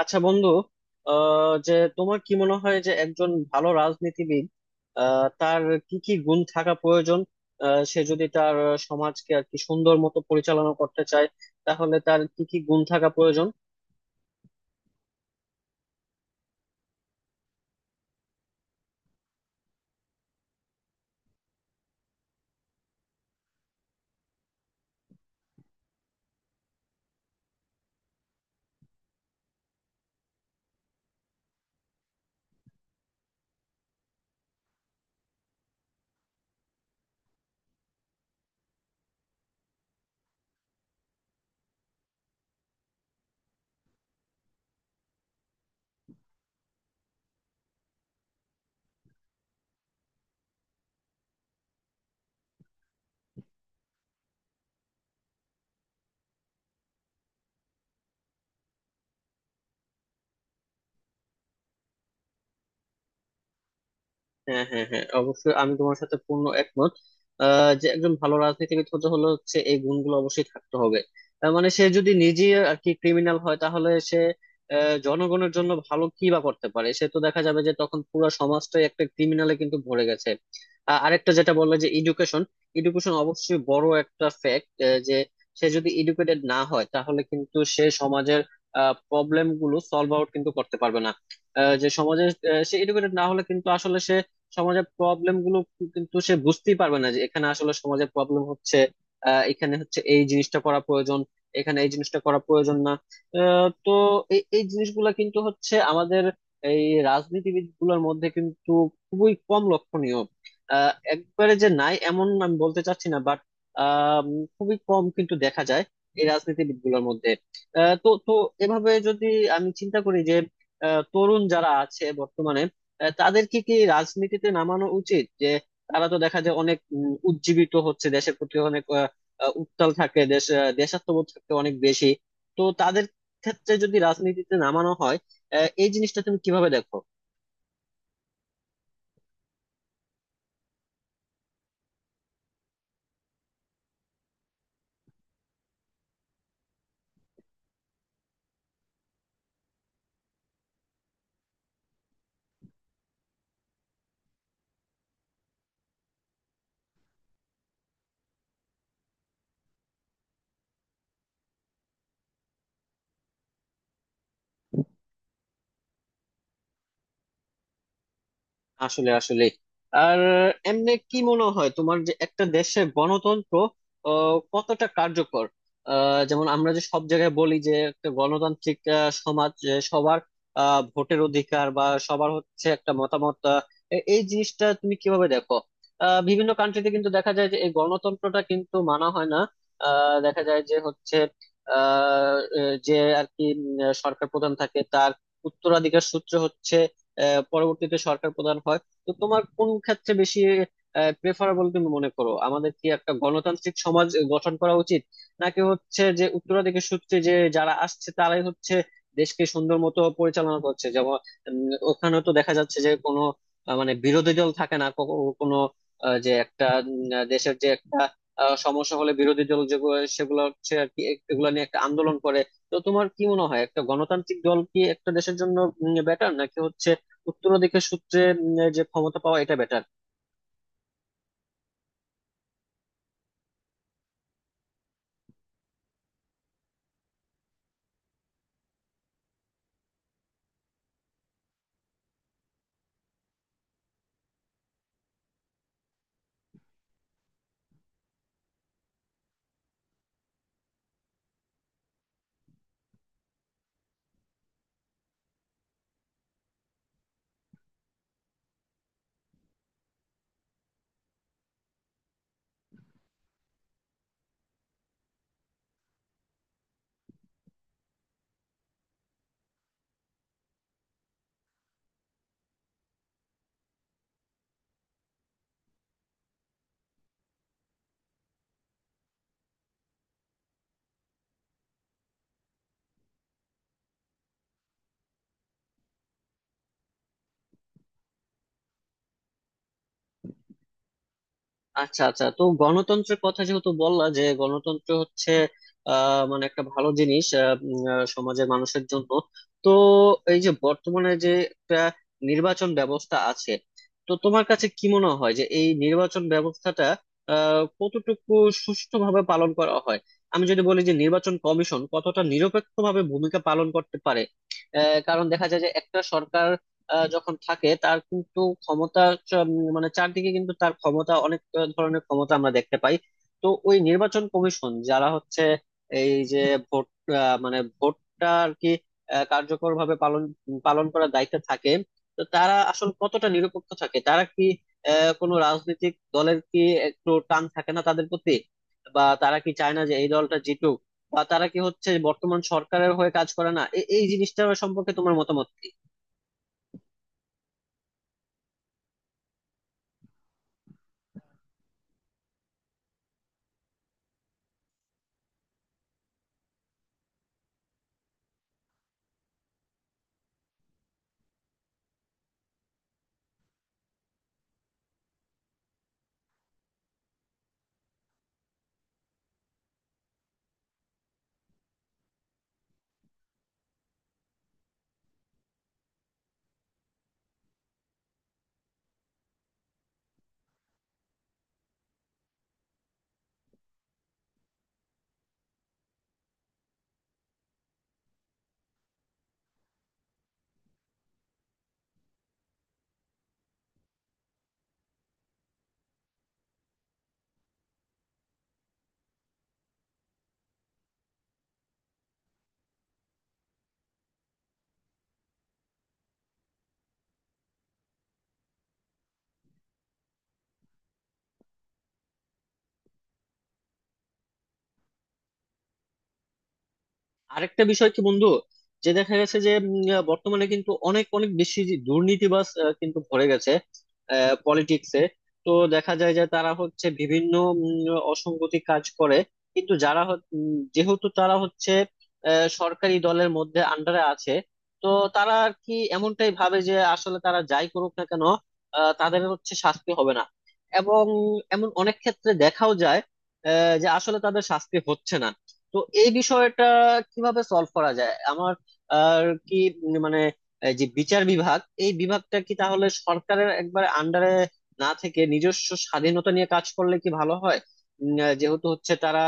আচ্ছা বন্ধু। আহ যে তোমার কি মনে হয় যে একজন ভালো রাজনীতিবিদ, তার কি কি গুণ থাকা প্রয়োজন? সে যদি তার সমাজকে আর কি সুন্দর মতো পরিচালনা করতে চায়, তাহলে তার কি কি গুণ থাকা প্রয়োজন? হ্যাঁ হ্যাঁ হ্যাঁ, অবশ্যই আমি তোমার সাথে পূর্ণ একমত। যে একজন ভালো রাজনীতিবিদ হতে হলে হচ্ছে এই গুণগুলো অবশ্যই থাকতে হবে। তার মানে সে যদি নিজে আর কি ক্রিমিনাল হয়, তাহলে সে জনগণের জন্য ভালো কি বা করতে পারে? সে তো দেখা যাবে যে তখন পুরো সমাজটাই একটা ক্রিমিনালে কিন্তু ভরে গেছে। আরেকটা যেটা বললে যে এডুকেশন, এডুকেশন অবশ্যই বড় একটা ফ্যাক্ট। যে সে যদি এডুকেটেড না হয়, তাহলে কিন্তু সে সমাজের প্রবলেম গুলো সলভ আউট কিন্তু করতে পারবে না। যে সমাজে সে এডুকেটেড না হলে কিন্তু আসলে সমাজের প্রবলেম গুলো কিন্তু সে বুঝতেই পারবে না যে এখানে আসলে সমাজের প্রবলেম হচ্ছে। এখানে হচ্ছে এই জিনিসটা করা প্রয়োজন, এখানে এই জিনিসটা করা প্রয়োজন না। তো এই এই জিনিসগুলা কিন্তু হচ্ছে আমাদের এই রাজনীতিবিদ গুলোর মধ্যে কিন্তু খুবই কম লক্ষণীয়। একবারে যে নাই এমন আমি বলতে চাচ্ছি না, বাট খুবই কম কিন্তু দেখা যায় এই রাজনীতিবিদ গুলোর মধ্যে। আহ, তো তো এভাবে যদি আমি চিন্তা করি যে তরুণ যারা আছে বর্তমানে, তাদের কি কি রাজনীতিতে নামানো উচিত? যে তারা তো দেখা যায় অনেক উজ্জীবিত হচ্ছে দেশের প্রতি, অনেক আহ, আহ, উত্তাল থাকে দেশ, দেশাত্মবোধ থাকে অনেক বেশি। তো তাদের ক্ষেত্রে যদি রাজনীতিতে নামানো হয়, এই জিনিসটা তুমি কিভাবে দেখো? আসলে আসলে আর এমনি কি মনে হয় তোমার যে একটা দেশের গণতন্ত্র কতটা কার্যকর? যেমন আমরা যে সব জায়গায় বলি যে একটা গণতান্ত্রিক সমাজ, যে সবার ভোটের অধিকার বা সবার হচ্ছে একটা মতামত, এই জিনিসটা তুমি কিভাবে দেখো? বিভিন্ন কান্ট্রিতে কিন্তু দেখা যায় যে এই গণতন্ত্রটা কিন্তু মানা হয় না। দেখা যায় যে হচ্ছে আহ, এ, যে আর কি সরকার প্রধান থাকে, তার উত্তরাধিকার সূত্র হচ্ছে পরবর্তীতে সরকার প্রধান হয়। তো তোমার কোন ক্ষেত্রে বেশি প্রেফারেবল তুমি মনে করো? আমাদের কি একটা গণতান্ত্রিক সমাজ গঠন করা উচিত, নাকি হচ্ছে যে উত্তরাধিকার সূত্রে যে যারা আসছে তারাই হচ্ছে দেশকে সুন্দর মতো পরিচালনা করছে? যেমন উম, ওখানে তো দেখা যাচ্ছে যে কোনো মানে বিরোধী দল থাকে না কোনো যে একটা দেশের যে একটা সমস্যা হলে বিরোধী দল যেগুলো সেগুলো হচ্ছে আর কি এগুলো নিয়ে একটা আন্দোলন করে। তো তোমার কি মনে হয় একটা গণতান্ত্রিক দল কি একটা দেশের জন্য বেটার, নাকি হচ্ছে উত্তরাধিকার সূত্রে যে ক্ষমতা পাওয়া এটা বেটার? আচ্ছা আচ্ছা, তো গণতন্ত্রের কথা যেহেতু বললা যে গণতন্ত্র হচ্ছে মানে একটা ভালো জিনিস সমাজের মানুষের জন্য। তো এই যে বর্তমানে যে একটা নির্বাচন ব্যবস্থা আছে, তো তোমার কাছে কি মনে হয় যে এই নির্বাচন ব্যবস্থাটা কতটুকু সুষ্ঠুভাবে পালন করা হয়? আমি যদি বলি যে নির্বাচন কমিশন কতটা নিরপেক্ষভাবে ভূমিকা পালন করতে পারে? কারণ দেখা যায় যে একটা সরকার যখন থাকে, তার কিন্তু ক্ষমতা মানে চারদিকে কিন্তু তার ক্ষমতা অনেক, ধরনের ক্ষমতা আমরা দেখতে পাই। তো ওই নির্বাচন কমিশন যারা হচ্ছে এই যে ভোট, মানে ভোটটা আর কি কার্যকর ভাবে পালন পালন করার দায়িত্বে থাকে, তো তারা আসলে কতটা নিরপেক্ষ থাকে? তারা কি কোনো রাজনৈতিক দলের কি একটু টান থাকে না তাদের প্রতি? বা তারা কি চায় না যে এই দলটা জিতুক? বা তারা কি হচ্ছে বর্তমান সরকারের হয়ে কাজ করে না? এই জিনিসটার সম্পর্কে তোমার মতামত কি? আরেকটা বিষয় কি বন্ধু, যে দেখা গেছে যে বর্তমানে কিন্তু অনেক অনেক বেশি যে দুর্নীতিবাজ কিন্তু ভরে গেছে পলিটিক্সে। তো দেখা যায় যে তারা হচ্ছে বিভিন্ন অসঙ্গতি কাজ করে। কিন্তু যেহেতু তারা হচ্ছে সরকারি দলের মধ্যে আন্ডারে আছে, তো তারা আর কি এমনটাই ভাবে যে আসলে তারা যাই করুক না কেন, তাদের হচ্ছে শাস্তি হবে না। এবং এমন অনেক ক্ষেত্রে দেখাও যায় যে আসলে তাদের শাস্তি হচ্ছে না। তো এই বিষয়টা কিভাবে সলভ করা যায় আমার আর কি, মানে এই যে বিচার বিভাগ, এই বিভাগটা কি তাহলে সরকারের একবারে আন্ডারে না থেকে নিজস্ব স্বাধীনতা নিয়ে কাজ করলে কি ভালো হয়? যেহেতু হচ্ছে তারা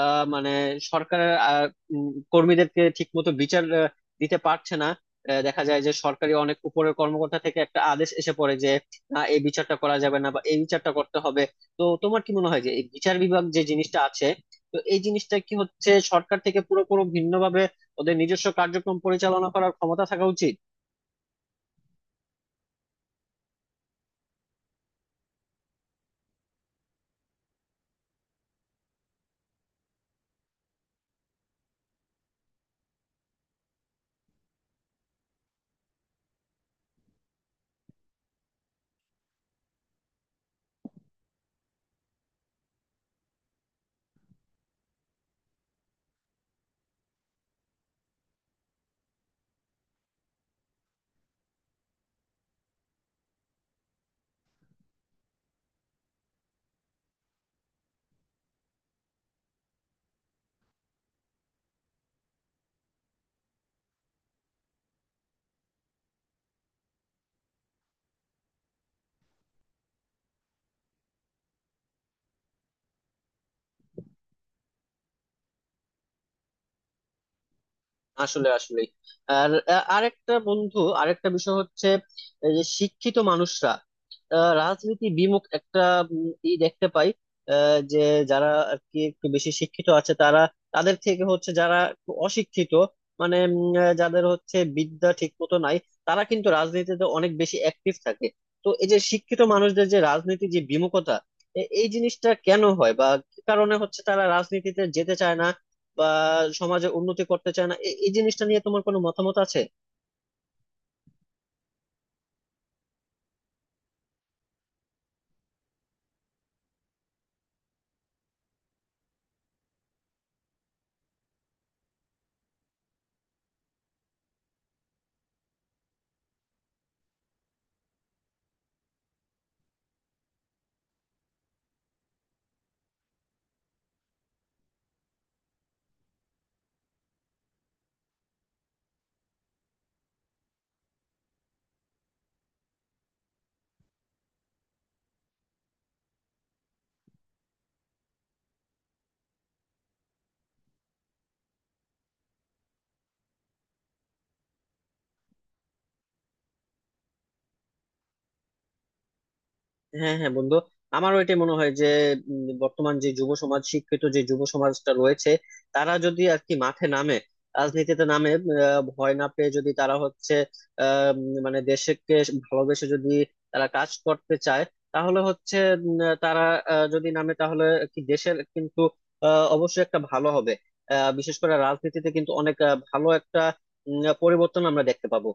মানে সরকারের কর্মীদেরকে ঠিক মতো বিচার দিতে পারছে না। দেখা যায় যে সরকারি অনেক উপরের কর্মকর্তা থেকে একটা আদেশ এসে পড়ে যে না, এই বিচারটা করা যাবে না বা এই বিচারটা করতে হবে। তো তোমার কি মনে হয় যে এই বিচার বিভাগ যে জিনিসটা আছে, তো এই জিনিসটা কি হচ্ছে সরকার থেকে পুরোপুরি ভিন্নভাবে ওদের নিজস্ব কার্যক্রম পরিচালনা করার ক্ষমতা থাকা উচিত? আসলে আসলে আর আরেকটা বন্ধু, আরেকটা বিষয় হচ্ছে এই যে শিক্ষিত মানুষরা রাজনীতি বিমুখ একটা ই দেখতে পাই। যে যারা আর কি একটু বেশি শিক্ষিত আছে তারা, তাদের থেকে হচ্ছে যারা একটু অশিক্ষিত, মানে যাদের হচ্ছে বিদ্যা ঠিক মতো নাই, তারা কিন্তু রাজনীতিতে অনেক বেশি অ্যাক্টিভ থাকে। তো এই যে শিক্ষিত মানুষদের যে রাজনীতি যে বিমুখতা, এই জিনিসটা কেন হয় বা কি কারণে হচ্ছে তারা রাজনীতিতে যেতে চায় না বা সমাজে উন্নতি করতে চায় না? এই জিনিসটা নিয়ে তোমার কোনো মতামত আছে? হ্যাঁ হ্যাঁ বন্ধু, আমারও এটা মনে হয় যে বর্তমান যে যুব সমাজ, শিক্ষিত যে যুব সমাজটা রয়েছে, তারা যদি আর কি মাঠে নামে, রাজনীতিতে নামে, ভয় না পেয়ে যদি তারা হচ্ছে মানে দেশকে ভালোবেসে যদি তারা কাজ করতে চায়, তাহলে হচ্ছে তারা যদি নামে তাহলে কি দেশের কিন্তু অবশ্যই একটা ভালো হবে। বিশেষ করে রাজনীতিতে কিন্তু অনেক ভালো একটা পরিবর্তন আমরা দেখতে পাবো।